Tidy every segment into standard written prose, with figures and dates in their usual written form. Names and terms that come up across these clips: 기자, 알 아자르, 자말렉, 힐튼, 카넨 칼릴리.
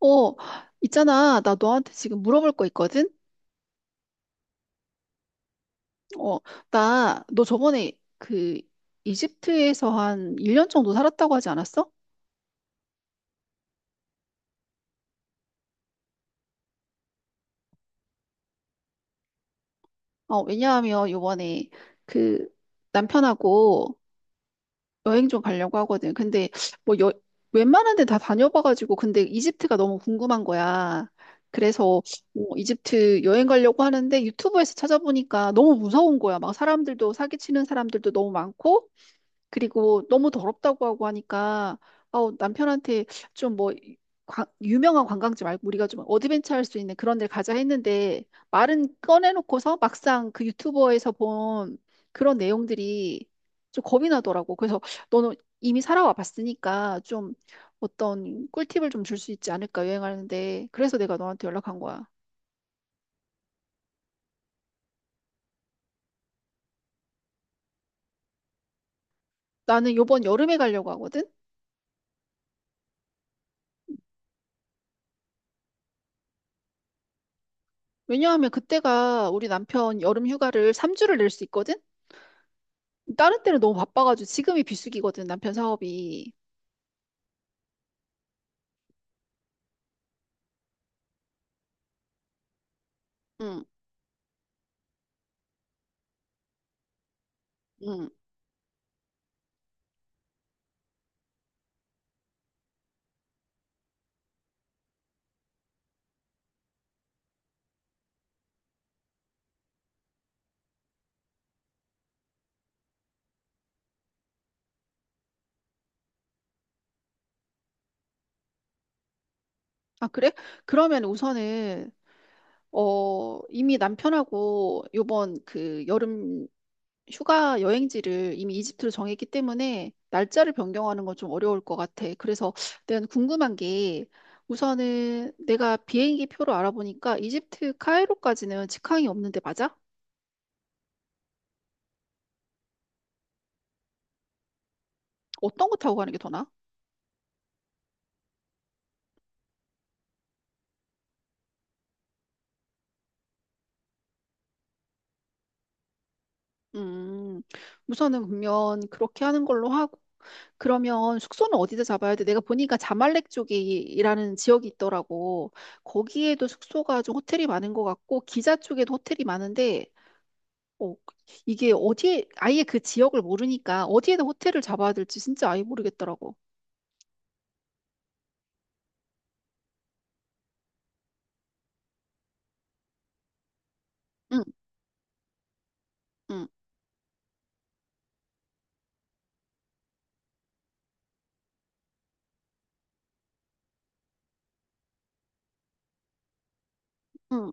어, 있잖아. 나 너한테 지금 물어볼 거 있거든? 어, 나, 너 저번에 그 이집트에서 한 1년 정도 살았다고 하지 않았어? 어, 왜냐하면 요번에 그 남편하고 여행 좀 가려고 하거든. 근데 뭐 여, 웬만한 데 다 다녀봐가지고 근데 이집트가 너무 궁금한 거야. 그래서 이집트 여행 가려고 하는데 유튜브에서 찾아보니까 너무 무서운 거야. 막 사람들도 사기치는 사람들도 너무 많고 그리고 너무 더럽다고 하고 하니까 남편한테 좀 뭐 유명한 관광지 말고 우리가 좀 어드벤처 할 수 있는 그런 데 가자 했는데 말은 꺼내놓고서 막상 그 유튜버에서 본 그런 내용들이 좀 겁이 나더라고. 그래서 너는 이미 살아와 봤으니까 좀 어떤 꿀팁을 좀 줄 수 있지 않을까 여행하는데 그래서 내가 너한테 연락한 거야. 나는 요번 여름에 가려고 하거든. 왜냐하면 그때가 우리 남편 여름 휴가를 3주를 낼 수 있거든. 다른 때는 너무 바빠가지고 지금이 비수기거든, 남편 사업이. 응, 응. 아, 그래? 그러면 우선은, 이미 남편하고 요번 그 여름 휴가 여행지를 이미 이집트로 정했기 때문에 날짜를 변경하는 건 좀 어려울 것 같아. 그래서 내가 궁금한 게 우선은 내가 비행기 표로 알아보니까 이집트 카이로까지는 직항이 없는데 맞아? 어떤 거 타고 가는 게 더 나아? 음, 우선은 그러면 그렇게 하는 걸로 하고 그러면 숙소는 어디서 잡아야 돼? 내가 보니까 자말렉 쪽이라는 지역이 있더라고. 거기에도 숙소가 좀 호텔이 많은 것 같고 기자 쪽에도 호텔이 많은데 어, 이게 어디에 아예 그 지역을 모르니까 어디에다 호텔을 잡아야 될지 진짜 아예 모르겠더라고. 응, 응, 응.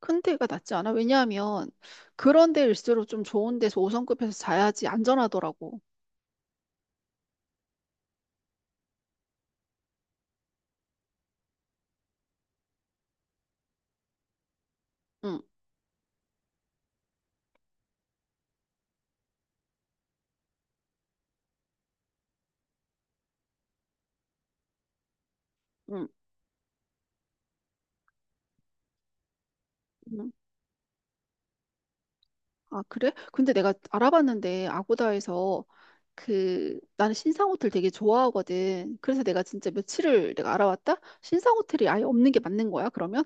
큰 데가 낫지 않아? 왜냐하면 그런 데일수록 좀 좋은 데서 5성급에서 자야지 안전하더라고. 응, 응, 응. 아, 그래? 근데 내가 알아봤는데 아고다에서 그 나는 신상 호텔 되게 좋아하거든. 그래서 내가 진짜 며칠을 내가 알아봤다. 신상 호텔이 아예 없는 게 맞는 거야, 그러면?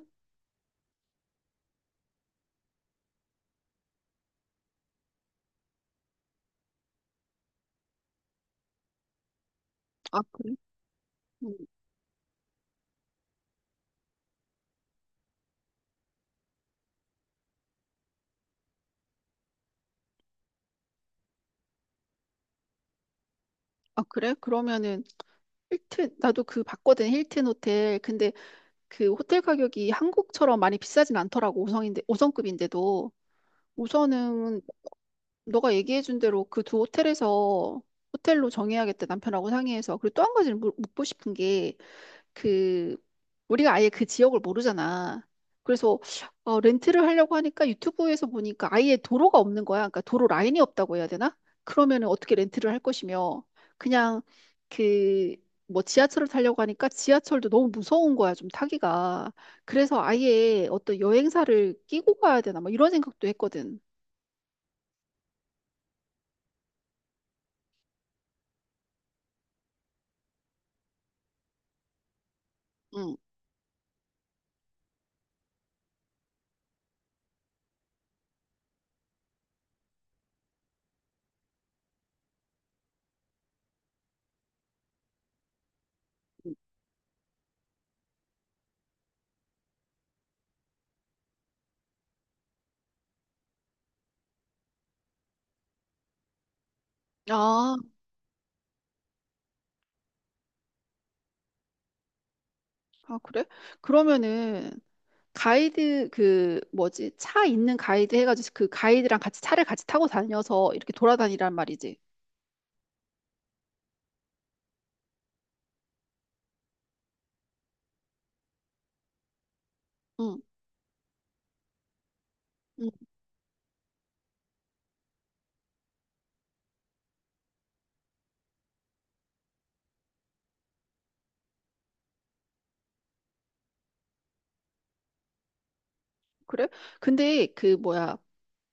아, 그래? 음, 아, 그래? 그러면은 힐튼 나도 그 봤거든. 힐튼 호텔. 근데 그 호텔 가격이 한국처럼 많이 비싸진 않더라고. 5성인데 5성급인데도. 우선은 너가 얘기해준 대로 그 두 호텔에서 호텔로 정해야겠다 남편하고 상의해서 그리고 또 한 가지를 묻고 싶은 게 그 우리가 아예 그 지역을 모르잖아. 그래서 렌트를 하려고 하니까 유튜브에서 보니까 아예 도로가 없는 거야. 그러니까 도로 라인이 없다고 해야 되나? 그러면은 어떻게 렌트를 할 것이며 그냥 그 뭐 지하철을 타려고 하니까 지하철도 너무 무서운 거야, 좀 타기가. 그래서 아예 어떤 여행사를 끼고 가야 되나 뭐 이런 생각도 했거든. 응. 아, 아, 그래? 그러면은 가이드 그 뭐지? 차 있는 가이드 해가지고 그 가이드랑 같이 차를 같이 타고 다녀서 이렇게 돌아다니란 말이지. 응, 응, 그래? 근데 그 뭐야?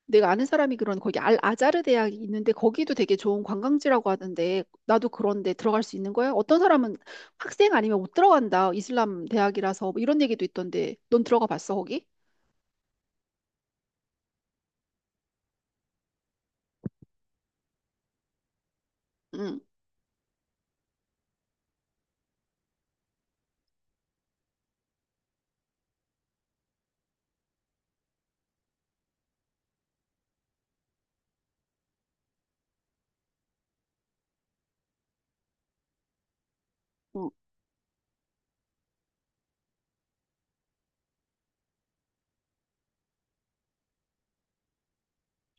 내가 아는 사람이 그런 거기 알 아자르 대학이 있는데 거기도 되게 좋은 관광지라고 하던데 나도 그런데 들어갈 수 있는 거야? 어떤 사람은 학생 아니면 못 들어간다. 이슬람 대학이라서 뭐 이런 얘기도 있던데 넌 들어가 봤어 거기? 응. 응.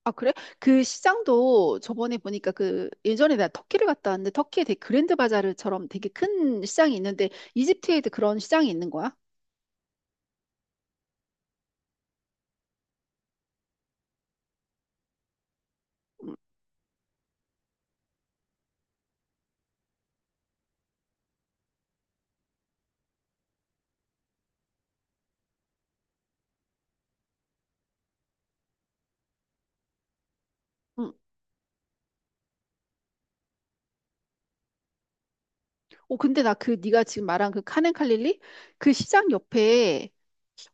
아, 그래? 그 시장도 저번에 보니까 그 예전에 나 터키를 갔다 왔는데 터키에 되게 그랜드 바자르처럼 되게 큰 시장이 있는데 이집트에도 그런 시장이 있는 거야? 음, 음. 어, 근데 나 그 네가 지금 말한 그 카넨 칼릴리 그 시장 옆에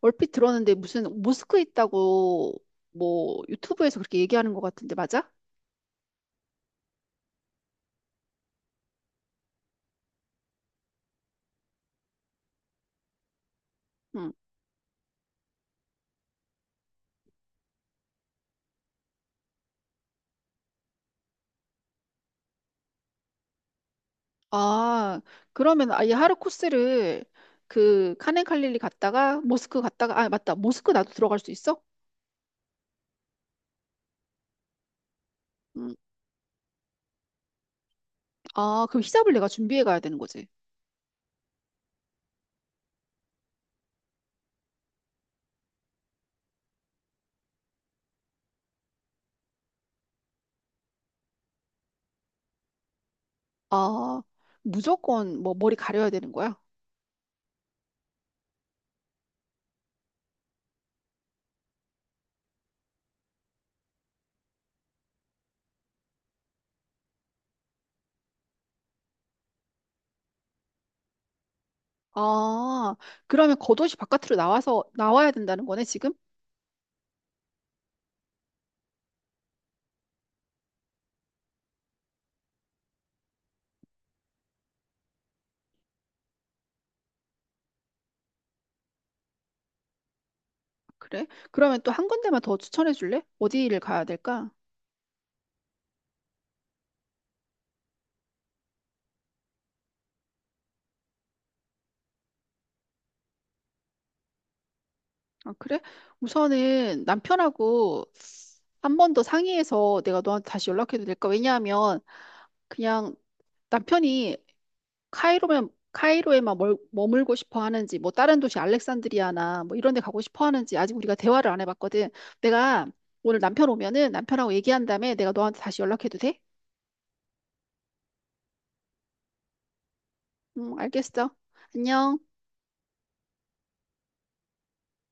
얼핏 들었는데 무슨 모스크 있다고 뭐 유튜브에서 그렇게 얘기하는 것 같은데 맞아? 음. 아, 그러면 아예 하루 코스를 그 카넨 칼릴리 갔다가 모스크 갔다가 아, 맞다. 모스크 나도 들어갈 수 있어? 음. 아, 그럼 히잡을 내가 준비해 가야 되는 거지. 아, 무조건 뭐 머리 가려야 되는 거야? 아, 그러면 겉옷이 바깥으로 나와서 나와야 된다는 거네, 지금? 그래? 그러면 또 한 군데만 더 추천해 줄래? 어디를 가야 될까? 아, 그래? 우선은 남편하고 한 번 더 상의해서 내가 너한테 다시 연락해도 될까? 왜냐하면 그냥 남편이 카이로만 카이로에만 머물고 싶어 하는지 뭐 다른 도시 알렉산드리아나 뭐 이런 데 가고 싶어 하는지 아직 우리가 대화를 안 해봤거든. 내가 오늘 남편 오면은 남편하고 얘기한 다음에 내가 너한테 다시 연락해도 돼? 응, 알겠어. 안녕.